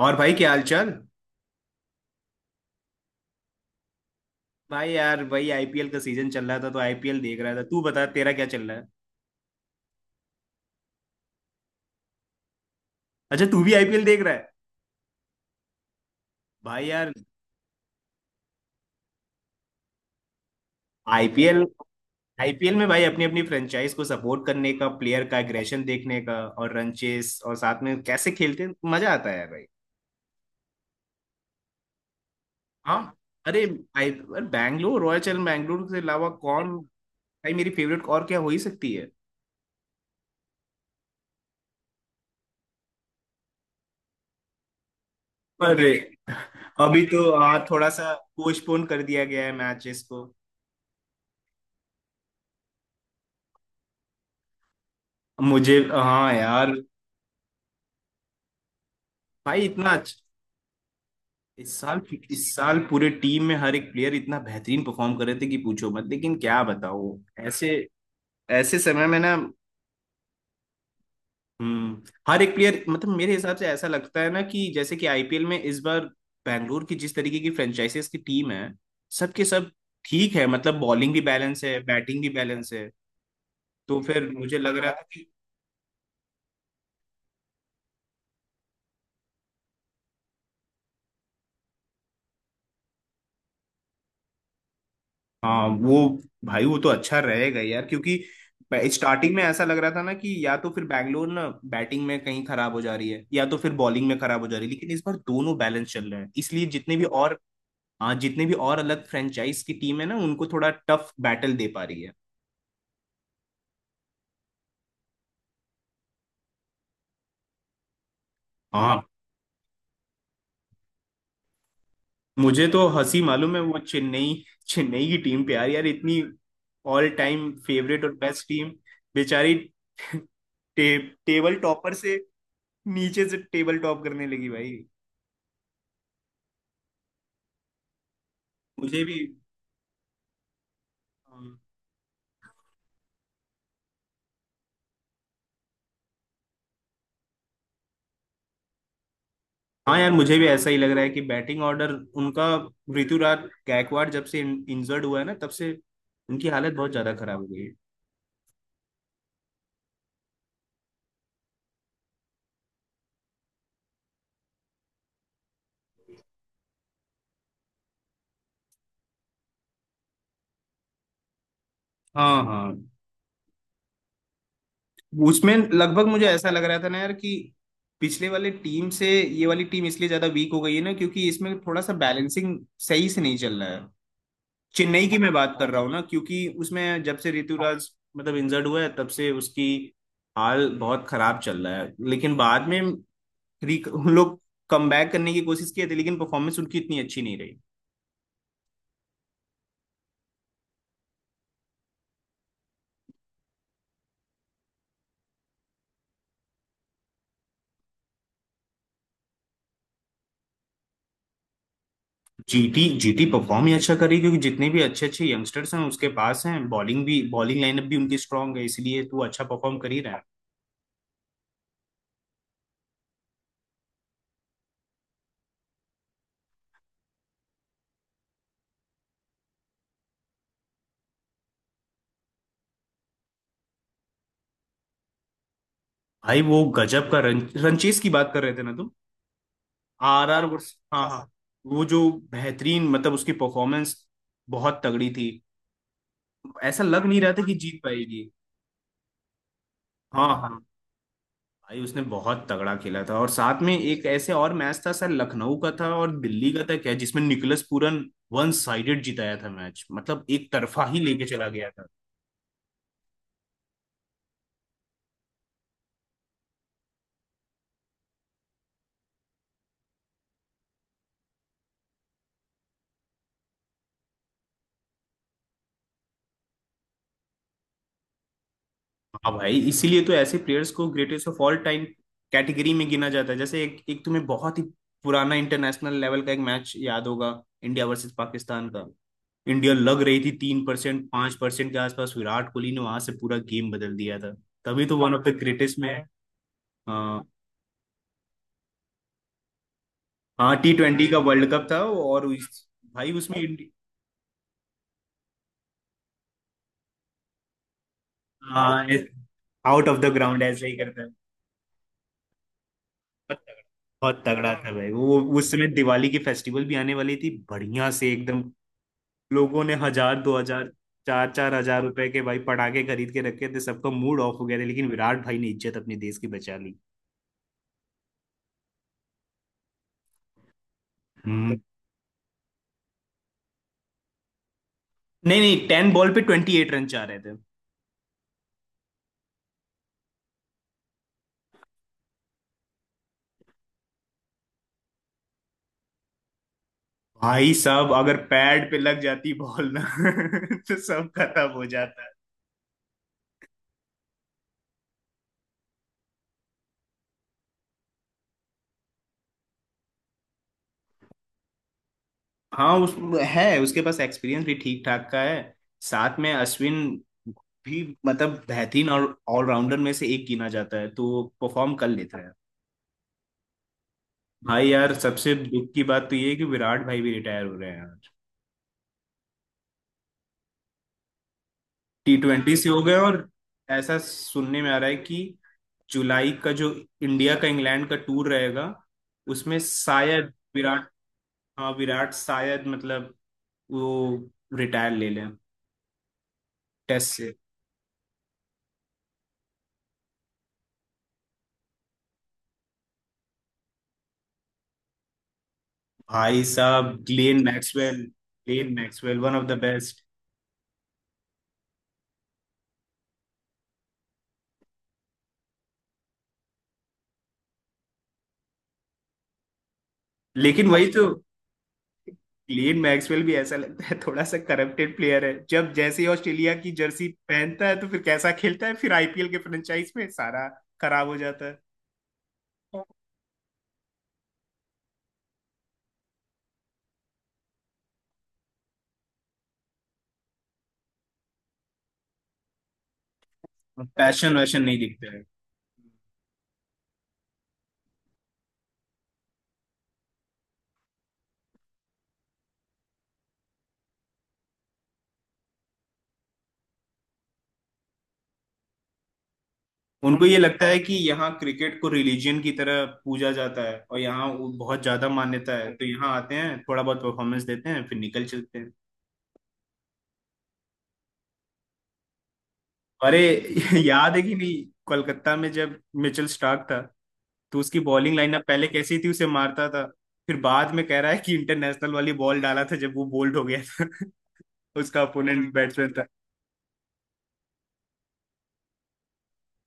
और भाई क्या हाल चाल। भाई यार वही आईपीएल का सीजन चल रहा था तो आईपीएल देख रहा था। तू बता तेरा क्या चल रहा है? अच्छा, तू भी आईपीएल देख रहा है। भाई यार। आईपीएल आईपीएल में भाई अपनी अपनी फ्रेंचाइज को सपोर्ट करने का, प्लेयर का एग्रेशन देखने का, और रन चेस और साथ में कैसे खेलते हैं, मजा आता है भाई। हाँ। अरे। आई अरे बैंगलोर रॉयल चैलेंजर्स। बैंगलोर के अलावा कौन? भाई मेरी फेवरेट और क्या हो ही सकती है। अरे। अभी तो हाँ, थोड़ा सा पोस्टपोन कर दिया गया है मैचेस को। मुझे हाँ यार। भाई इतना अच्छा। इस साल इस साल पूरे टीम में हर एक प्लेयर इतना बेहतरीन परफॉर्म कर रहे थे कि पूछो मत, लेकिन क्या बताओ। ऐसे ऐसे समय में ना। हम्म। हर एक प्लेयर, मतलब मेरे हिसाब से ऐसा लगता है ना कि जैसे कि आईपीएल में इस बार बैंगलोर की जिस तरीके की फ्रेंचाइजीज की टीम है, सबके सब ठीक है। मतलब बॉलिंग भी बैलेंस है, बैटिंग भी बैलेंस है। तो फिर मुझे लग रहा था कि हाँ वो। भाई वो तो अच्छा रहेगा यार क्योंकि स्टार्टिंग में ऐसा लग रहा था ना कि या तो फिर बैंगलोर ना बैटिंग में कहीं खराब हो जा रही है या तो फिर बॉलिंग में खराब हो जा रही है, लेकिन इस बार दोनों बैलेंस चल रहे हैं इसलिए जितने भी और। हाँ, जितने भी और अलग फ्रेंचाइज की टीम है ना उनको थोड़ा टफ बैटल दे पा रही है। हाँ। मुझे तो हंसी मालूम है वो चेन्नई, चेन्नई की टीम पे यार, यार इतनी ऑल टाइम फेवरेट और बेस्ट टीम बेचारी टे, टेबल टॉपर से नीचे से टेबल टॉप करने लगी भाई। मुझे भी। हम्म। हाँ यार, मुझे भी ऐसा ही लग रहा है कि बैटिंग ऑर्डर उनका, ऋतुराज गायकवाड़ जब से इंजर्ड हुआ है ना तब से उनकी हालत बहुत ज्यादा खराब हो गई है। हाँ हाँ। उसमें लगभग मुझे ऐसा लग रहा था ना यार कि पिछले वाले टीम से ये वाली टीम इसलिए ज्यादा वीक हो गई है ना, क्योंकि इसमें थोड़ा सा बैलेंसिंग सही से नहीं चल रहा है। चेन्नई की मैं बात कर रहा हूँ ना, क्योंकि उसमें जब से ऋतुराज मतलब इंजर्ड हुआ है तब से उसकी हाल बहुत खराब चल रहा है, लेकिन बाद में उन लोग कम बैक करने की कोशिश किए थे, लेकिन परफॉर्मेंस उनकी इतनी अच्छी नहीं रही। जीटी जीटी परफॉर्म ही अच्छा करी क्योंकि जितने भी अच्छे अच्छे यंगस्टर्स हैं उसके पास हैं, बॉलिंग भी, बॉलिंग लाइनअप भी उनकी स्ट्रांग है इसलिए तू अच्छा परफॉर्म कर ही रहा है। भाई वो गजब का रंचेस की बात कर रहे थे ना तुम? आर आर हाँ हाँ। वो जो बेहतरीन, मतलब उसकी परफॉर्मेंस बहुत तगड़ी थी, ऐसा लग नहीं रहा था कि जीत पाएगी। हाँ हाँ। भाई उसने बहुत तगड़ा खेला था, और साथ में एक ऐसे और मैच था, सर लखनऊ का था और दिल्ली का था क्या, जिसमें निकलस पूरन वन साइडेड जिताया था मैच, मतलब एक तरफा ही लेके चला गया था। हाँ भाई, इसीलिए तो ऐसे प्लेयर्स को greatest of all time category में गिना जाता है। जैसे एक एक तुम्हें बहुत ही पुराना इंटरनेशनल लेवल का एक मैच याद होगा, इंडिया वर्सेस पाकिस्तान का। इंडिया लग रही थी 3% 5% के आसपास, विराट कोहली ने वहां से पूरा गेम बदल दिया था। तभी तो वन ऑफ द ग्रेटेस्ट में है। हाँ, T20 का वर्ल्ड कप था और भाई उसमें हाँ आउट ऑफ द ग्राउंड ऐसे ही करता है। बहुत तगड़ा। बहुत तगड़ा था भाई वो, उस समय दिवाली की फेस्टिवल भी आने वाली थी, बढ़िया से एकदम लोगों ने हजार दो हजार चार चार हजार रुपए के भाई पटाखे खरीद के रखे थे, सबका मूड ऑफ हो गया था लेकिन विराट भाई ने इज्जत अपने देश की बचा ली। हम्म। नहीं नहीं, 10 बॉल पे 28 रन चाह रहे थे। भाई साहब अगर पैड पे लग जाती बॉल ना तो सब खत्म हो जाता। हाँ उस है उसके पास एक्सपीरियंस भी ठीक ठाक का है, साथ में अश्विन भी, मतलब बेहतरीन और ऑलराउंडर में से एक गिना जाता है तो वो परफॉर्म कर लेता है। भाई यार सबसे दुख की बात तो ये है कि विराट भाई भी रिटायर हो रहे हैं यार। टी ट्वेंटी से हो गए, और ऐसा सुनने में आ रहा है कि जुलाई का जो इंडिया का इंग्लैंड का टूर रहेगा, उसमें शायद विराट, हाँ विराट शायद मतलब वो रिटायर ले लें टेस्ट से। भाई साहब Glenn Maxwell, Glenn Maxwell one of the best. लेकिन वही तो ग्लेन मैक्सवेल भी ऐसा लगता है थोड़ा सा करप्टेड प्लेयर है, जब जैसे ही ऑस्ट्रेलिया की जर्सी पहनता है तो फिर कैसा खेलता है, फिर आईपीएल के फ्रेंचाइज में सारा खराब हो जाता है। पैशन वैशन नहीं दिखता है। उनको ये लगता है कि यहाँ क्रिकेट को रिलीजन की तरह पूजा जाता है और यहाँ वो बहुत ज्यादा मान्यता है, तो यहाँ आते हैं थोड़ा बहुत परफॉर्मेंस देते हैं फिर निकल चलते हैं। अरे याद है कि नहीं, कोलकाता में जब मिचेल स्टार्क था तो उसकी बॉलिंग लाइनअप पहले कैसी थी, उसे मारता था, फिर बाद में कह रहा है कि इंटरनेशनल वाली बॉल डाला था जब वो बोल्ड हो गया था उसका अपोनेंट बैट्समैन था।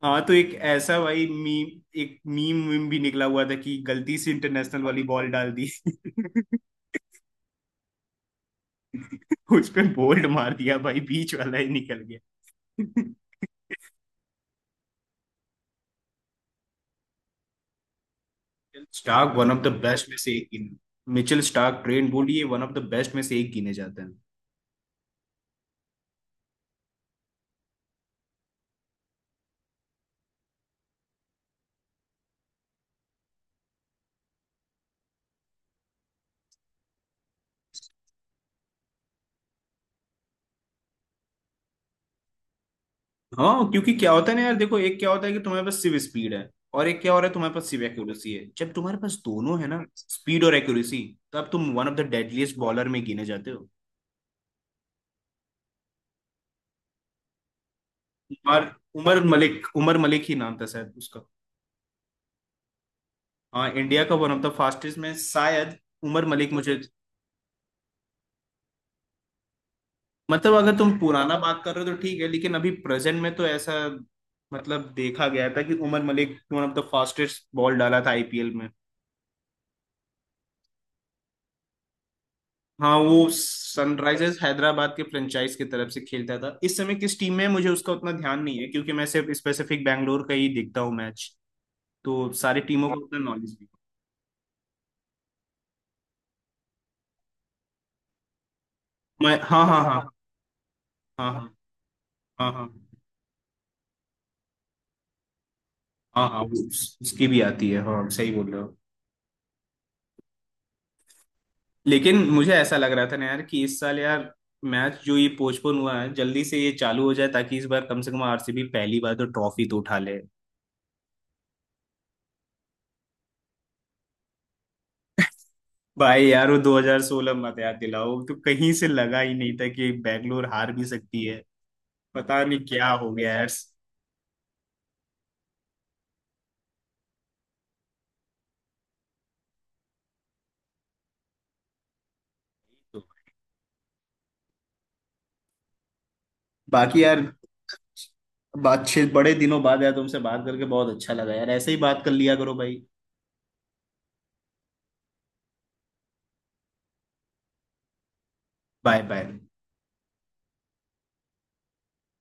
हाँ, तो एक ऐसा भाई मीम, एक मीम मीम भी निकला हुआ था कि गलती से इंटरनेशनल वाली बॉल डाल दी उस पे बोल्ड मार दिया भाई, बीच वाला ही निकल गया। Starc one of the best में से एक गिने। मिचेल स्टार्क, ट्रेंट बोलिए वन ऑफ द बेस्ट में से एक गिने जाते हैं। हाँ, क्योंकि क्या होता है ना यार देखो, एक क्या होता है कि तुम्हारे पास सिर्फ स्पीड है, और एक क्या हो रहा है तुम्हारे पास सिर्फ एक्यूरेसी है। जब तुम्हारे पास दोनों है ना, स्पीड और एक्यूरेसी, तो अब तुम one of the deadliest bowler में गिने जाते हो। उमर उमर मलिक ही नाम था शायद उसका। हाँ, इंडिया का वन ऑफ द फास्टेस्ट में शायद उमर मलिक, मुझे। मतलब अगर तुम पुराना बात कर रहे हो तो ठीक है, लेकिन अभी प्रेजेंट में तो ऐसा मतलब देखा गया था कि Umar Malik one of the fastest ball डाला था आईपीएल में। हाँ वो सनराइजर्स हैदराबाद के फ्रेंचाइज की तरफ से खेलता था। इस समय किस टीम में है, मुझे उसका उतना ध्यान नहीं है, क्योंकि मैं सिर्फ स्पेसिफिक बैंगलोर का ही देखता हूँ मैच, तो सारी टीमों का उतना नॉलेज नहीं। मैं, हाँ, हाँ, हाँ, हाँ, हाँ, हाँ, हाँ, हाँ, हाँ, वो उसकी भी आती है, हाँ सही बोल रहे हो। लेकिन मुझे ऐसा लग रहा था ना यार कि इस साल यार, मैच जो ये पोस्टपोन हुआ है जल्दी से ये चालू हो जाए, ताकि इस बार कम से कम आरसीबी पहली बार तो ट्रॉफी तो उठा ले। भाई यार वो 2016 मत याद दिलाओ, तो कहीं से लगा ही नहीं था कि बैंगलोर हार भी सकती है। पता नहीं क्या हो गया यार। बाकी यार, बातचीत बड़े दिनों बाद यार तुमसे बात करके बहुत अच्छा लगा यार, ऐसे ही बात कर लिया करो भाई। Bye bye.